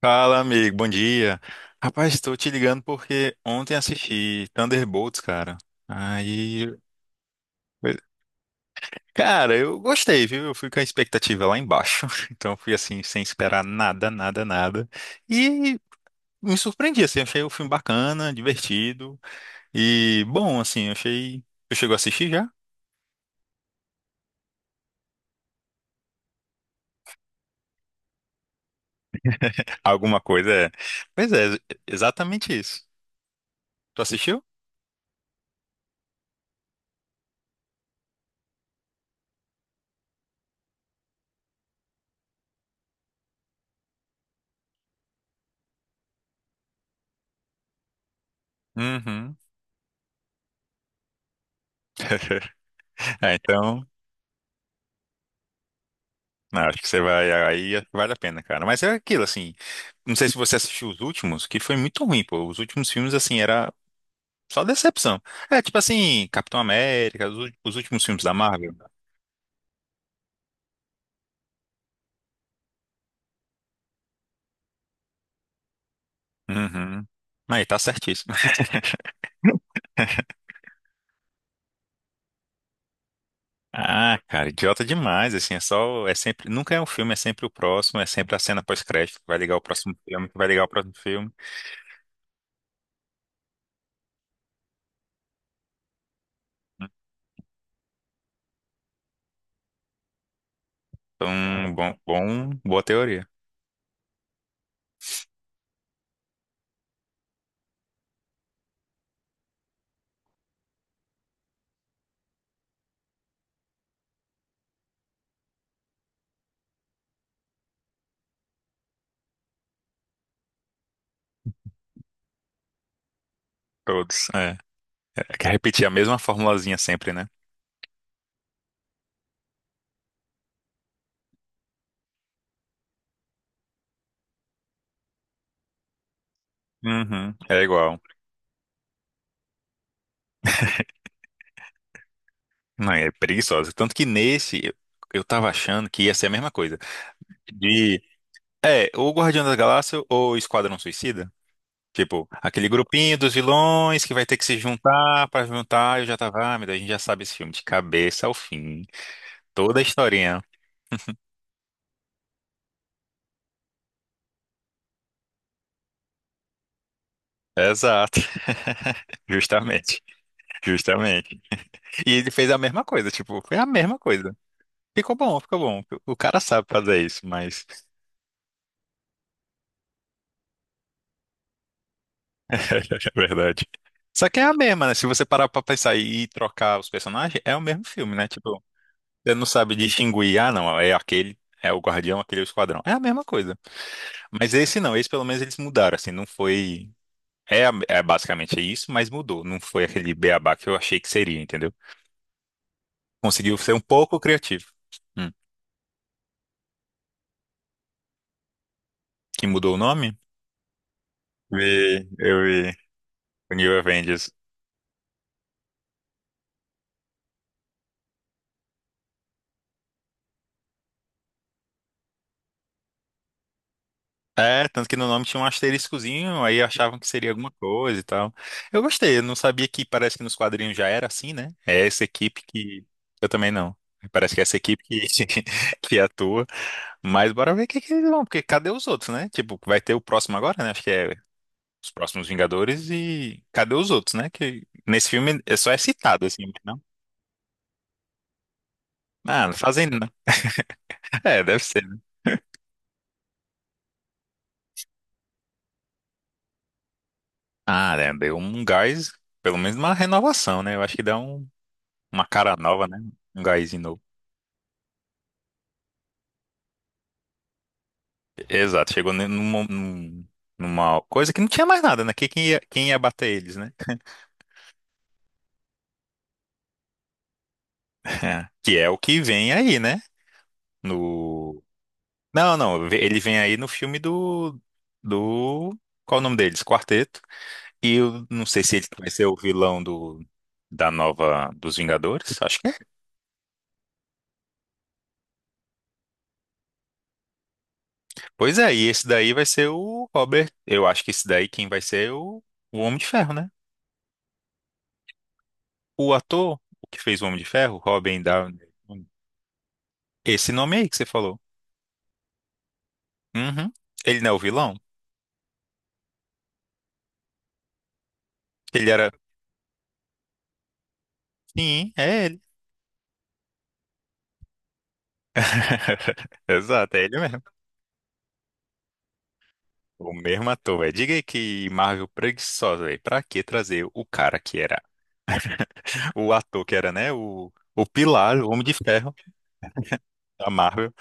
Fala, amigo, bom dia. Rapaz, estou te ligando porque ontem assisti Thunderbolts, cara. Aí, cara, eu gostei, viu? Eu fui com a expectativa lá embaixo, então fui assim, sem esperar nada, nada, nada. E me surpreendi, assim, achei o filme bacana, divertido e bom, assim, achei. Tu chegou a assistir já? Alguma coisa é. Pois é, exatamente isso. Tu assistiu? Uhum. É, então. Não, acho que você vai. Aí vale a pena, cara. Mas é aquilo, assim. Não sei se você assistiu os últimos, que foi muito ruim, pô. Os últimos filmes, assim, era só decepção. É, tipo assim, Capitão América, os últimos filmes da Marvel. Uhum. Aí, tá certíssimo. Ah, cara, idiota demais, assim, é só, é sempre, nunca é um filme, é sempre o próximo, é sempre a cena pós-crédito, que vai ligar o próximo filme, que vai ligar o próximo filme. Então, boa teoria. Todos, é. É que repetir a mesma formulazinha sempre, né? Uhum, é igual. Não, é preguiçosa. Tanto que nesse, eu tava achando que ia ser a mesma coisa. De, é, ou Guardião da Galáxia ou Esquadrão Suicida. Tipo, aquele grupinho dos vilões que vai ter que se juntar pra juntar. Eu já tava, ah, meu Deus, a gente já sabe esse filme de cabeça ao fim. Toda a historinha. Exato. Justamente. Justamente. E ele fez a mesma coisa, tipo, foi a mesma coisa. Ficou bom, ficou bom. O cara sabe fazer isso, mas. É verdade. Só que é a mesma, né? Se você parar pra pensar e trocar os personagens, é o mesmo filme, né? Tipo, você não sabe distinguir, ah, não, é aquele, é o Guardião, aquele é o Esquadrão. É a mesma coisa. Mas esse não, esse pelo menos eles mudaram, assim, não foi. É, é basicamente isso, mas mudou. Não foi aquele beabá que eu achei que seria, entendeu? Conseguiu ser um pouco criativo. Hum. Que mudou o nome? Vi, eu vi. O New Avengers. É, tanto que no nome tinha um asteriscozinho, aí achavam que seria alguma coisa e tal. Eu gostei, eu não sabia que parece que nos quadrinhos já era assim, né? É essa equipe que. Eu também não. Parece que é essa equipe que atua. Mas bora ver o que eles vão, porque cadê os outros, né? Tipo, vai ter o próximo agora, né? Acho que é os próximos Vingadores e cadê os outros, né? Que nesse filme é só é citado, assim, mas não. Ah, não fazem nada. É, deve ser, né? Ah, né? Deu um gás, pelo menos uma renovação, né? Eu acho que dá um... Uma cara nova, né? Um gásinho novo. Exato, chegou numa coisa que não tinha mais nada, né? Que- quem ia bater eles, né? Que é o que vem aí, né? No... Não, não, ele vem aí no filme do... do... Qual o nome deles? Quarteto. E eu não sei se ele vai ser o vilão do... da nova... dos Vingadores, acho que é. Pois é, e esse daí vai ser o Robert. Eu acho que esse daí quem vai ser é o Homem de Ferro, né? O ator que fez o Homem de Ferro, Robin Downey. Esse nome aí que você falou. Uhum. Ele não é o vilão? Ele era. Sim, é ele. Exato, é ele mesmo. O mesmo ator, velho. Diga aí que Marvel preguiçosa, velho. Pra que trazer o cara que era, o ator que era, né? O Pilar, o Homem de Ferro da Marvel.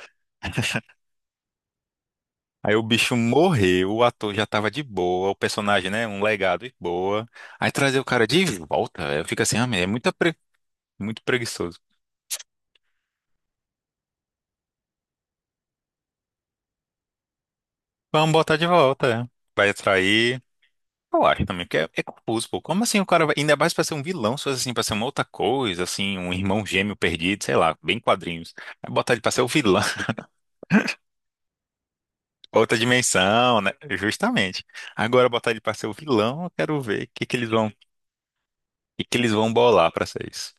Aí o bicho morreu, o ator já tava de boa, o personagem, né? Um legado de boa. Aí trazer o cara de volta, velho. Fica assim, ah, meu, é muito preguiçoso. Vamos botar de volta, né? Vai atrair. Eu acho também, porque é, é confuso, pô. Como assim o cara vai. Ainda mais pra ser um vilão, se fosse assim, pra ser uma outra coisa, assim, um irmão gêmeo perdido, sei lá, bem quadrinhos. Aí botar ele pra ser o vilão, outra dimensão, né? Justamente. Agora botar ele pra ser o vilão, eu quero ver o que que eles vão bolar pra ser isso.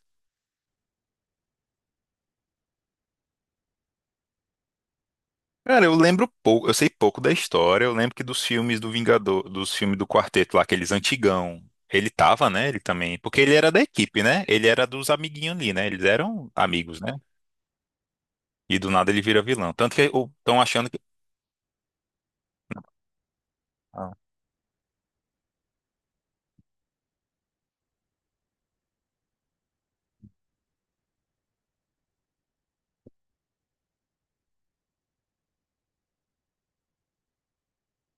Cara, eu lembro pouco, eu sei pouco da história, eu lembro que dos filmes do Vingador, dos filmes do Quarteto lá, aqueles antigão. Ele tava, né? Ele também. Porque ele era da equipe, né? Ele era dos amiguinhos ali, né? Eles eram amigos, né? E do nada ele vira vilão. Tanto que estão achando que. Ah,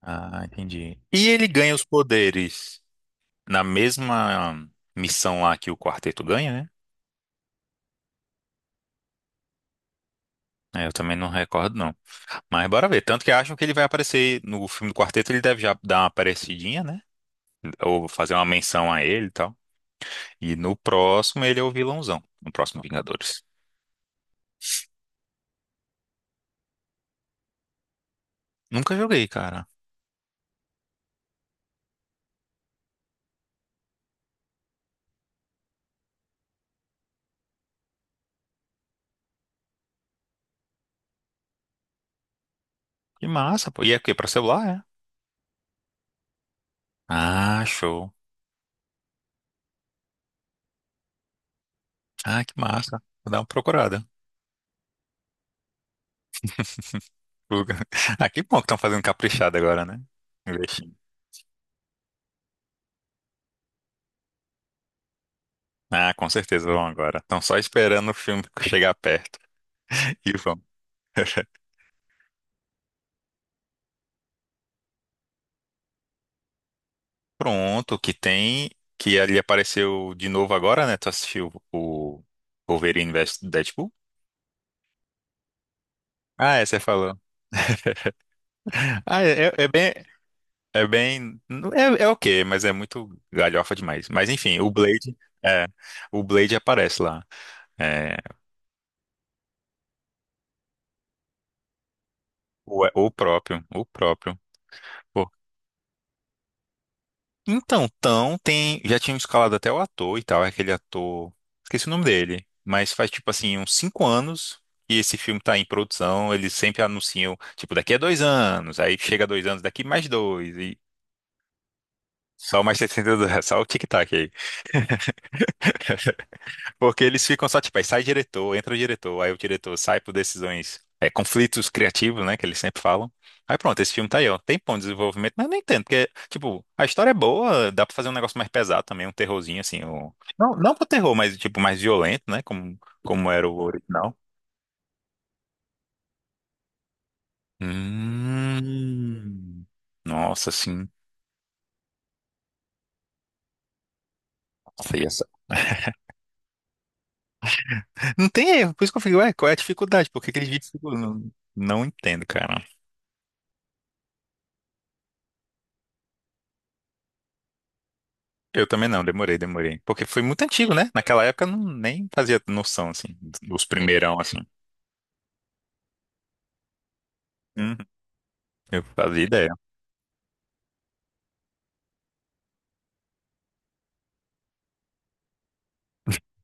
ah, entendi. E ele ganha os poderes na mesma missão lá que o quarteto ganha, né? É, eu também não recordo, não. Mas bora ver. Tanto que acham que ele vai aparecer no filme do quarteto, ele deve já dar uma aparecidinha, né? Ou fazer uma menção a ele e tal. E no próximo ele é o vilãozão. No próximo Vingadores. Nunca joguei, cara. Que massa, pô. E é o quê? Pra celular, é? Ah, show. Ah, que massa. Vou dar uma procurada. Fuga. Ah, que bom que estão fazendo caprichado agora, né? Investindo. Ah, com certeza vão agora. Estão só esperando o filme chegar perto. E vão. Pronto, que tem. Que ali apareceu de novo agora, né? Tu assistiu o Wolverine vs Deadpool? Ah, é, você falou. Ah, é é bem. É bem, é, é ok, mas é muito galhofa demais. Mas enfim, o Blade. É, o Blade aparece lá. É, o próprio. O próprio. Então, Tão tem. Já tinham escalado até o ator e tal, é aquele ator. Esqueci o nome dele. Mas faz tipo assim, uns 5 anos que esse filme tá em produção. Eles sempre anunciam, tipo, daqui a 2 anos. Aí chega 2 anos, daqui mais dois. E só mais 60 do... Só o tic-tac aí. Porque eles ficam só, tipo, aí sai diretor, entra o diretor, aí o diretor sai por decisões, é, conflitos criativos, né, que eles sempre falam. Aí pronto, esse filme tá aí, ó. Tem bom desenvolvimento, mas eu não entendo, porque, tipo, a história é boa, dá pra fazer um negócio mais pesado também, um terrorzinho, assim, um... não, não pro terror, mas, tipo, mais violento, né, como, como era o original. Hum... Nossa, sim. Nossa, e essa- Não tem erro, por isso que eu fico, ué, qual é a dificuldade? Por que que eles dificultam? Não, não entendo, cara. Eu também não, demorei, demorei. Porque foi muito antigo, né? Naquela época eu não, nem fazia noção, assim, dos primeirão, assim. Uhum. Eu fazia ideia.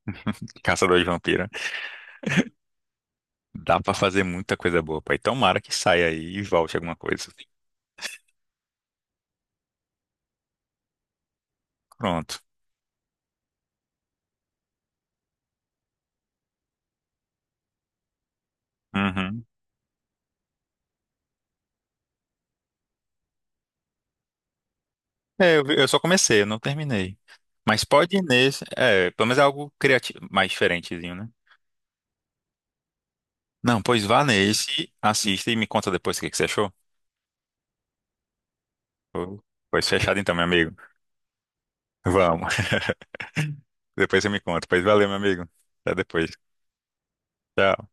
Caçador de vampiro. Dá pra fazer muita coisa boa, pai. Tomara que saia aí e volte alguma coisa. Pronto. Uhum. Eu só comecei, eu não terminei. Mas pode ir nesse. É, pelo menos é algo criativo, mais diferentezinho, né? Não, pois vá nesse, assista e me conta depois o que que você achou. Pô, pois fechado então, meu amigo. Vamos. Depois você me conta. Pois valeu, meu amigo. Até depois. Tchau.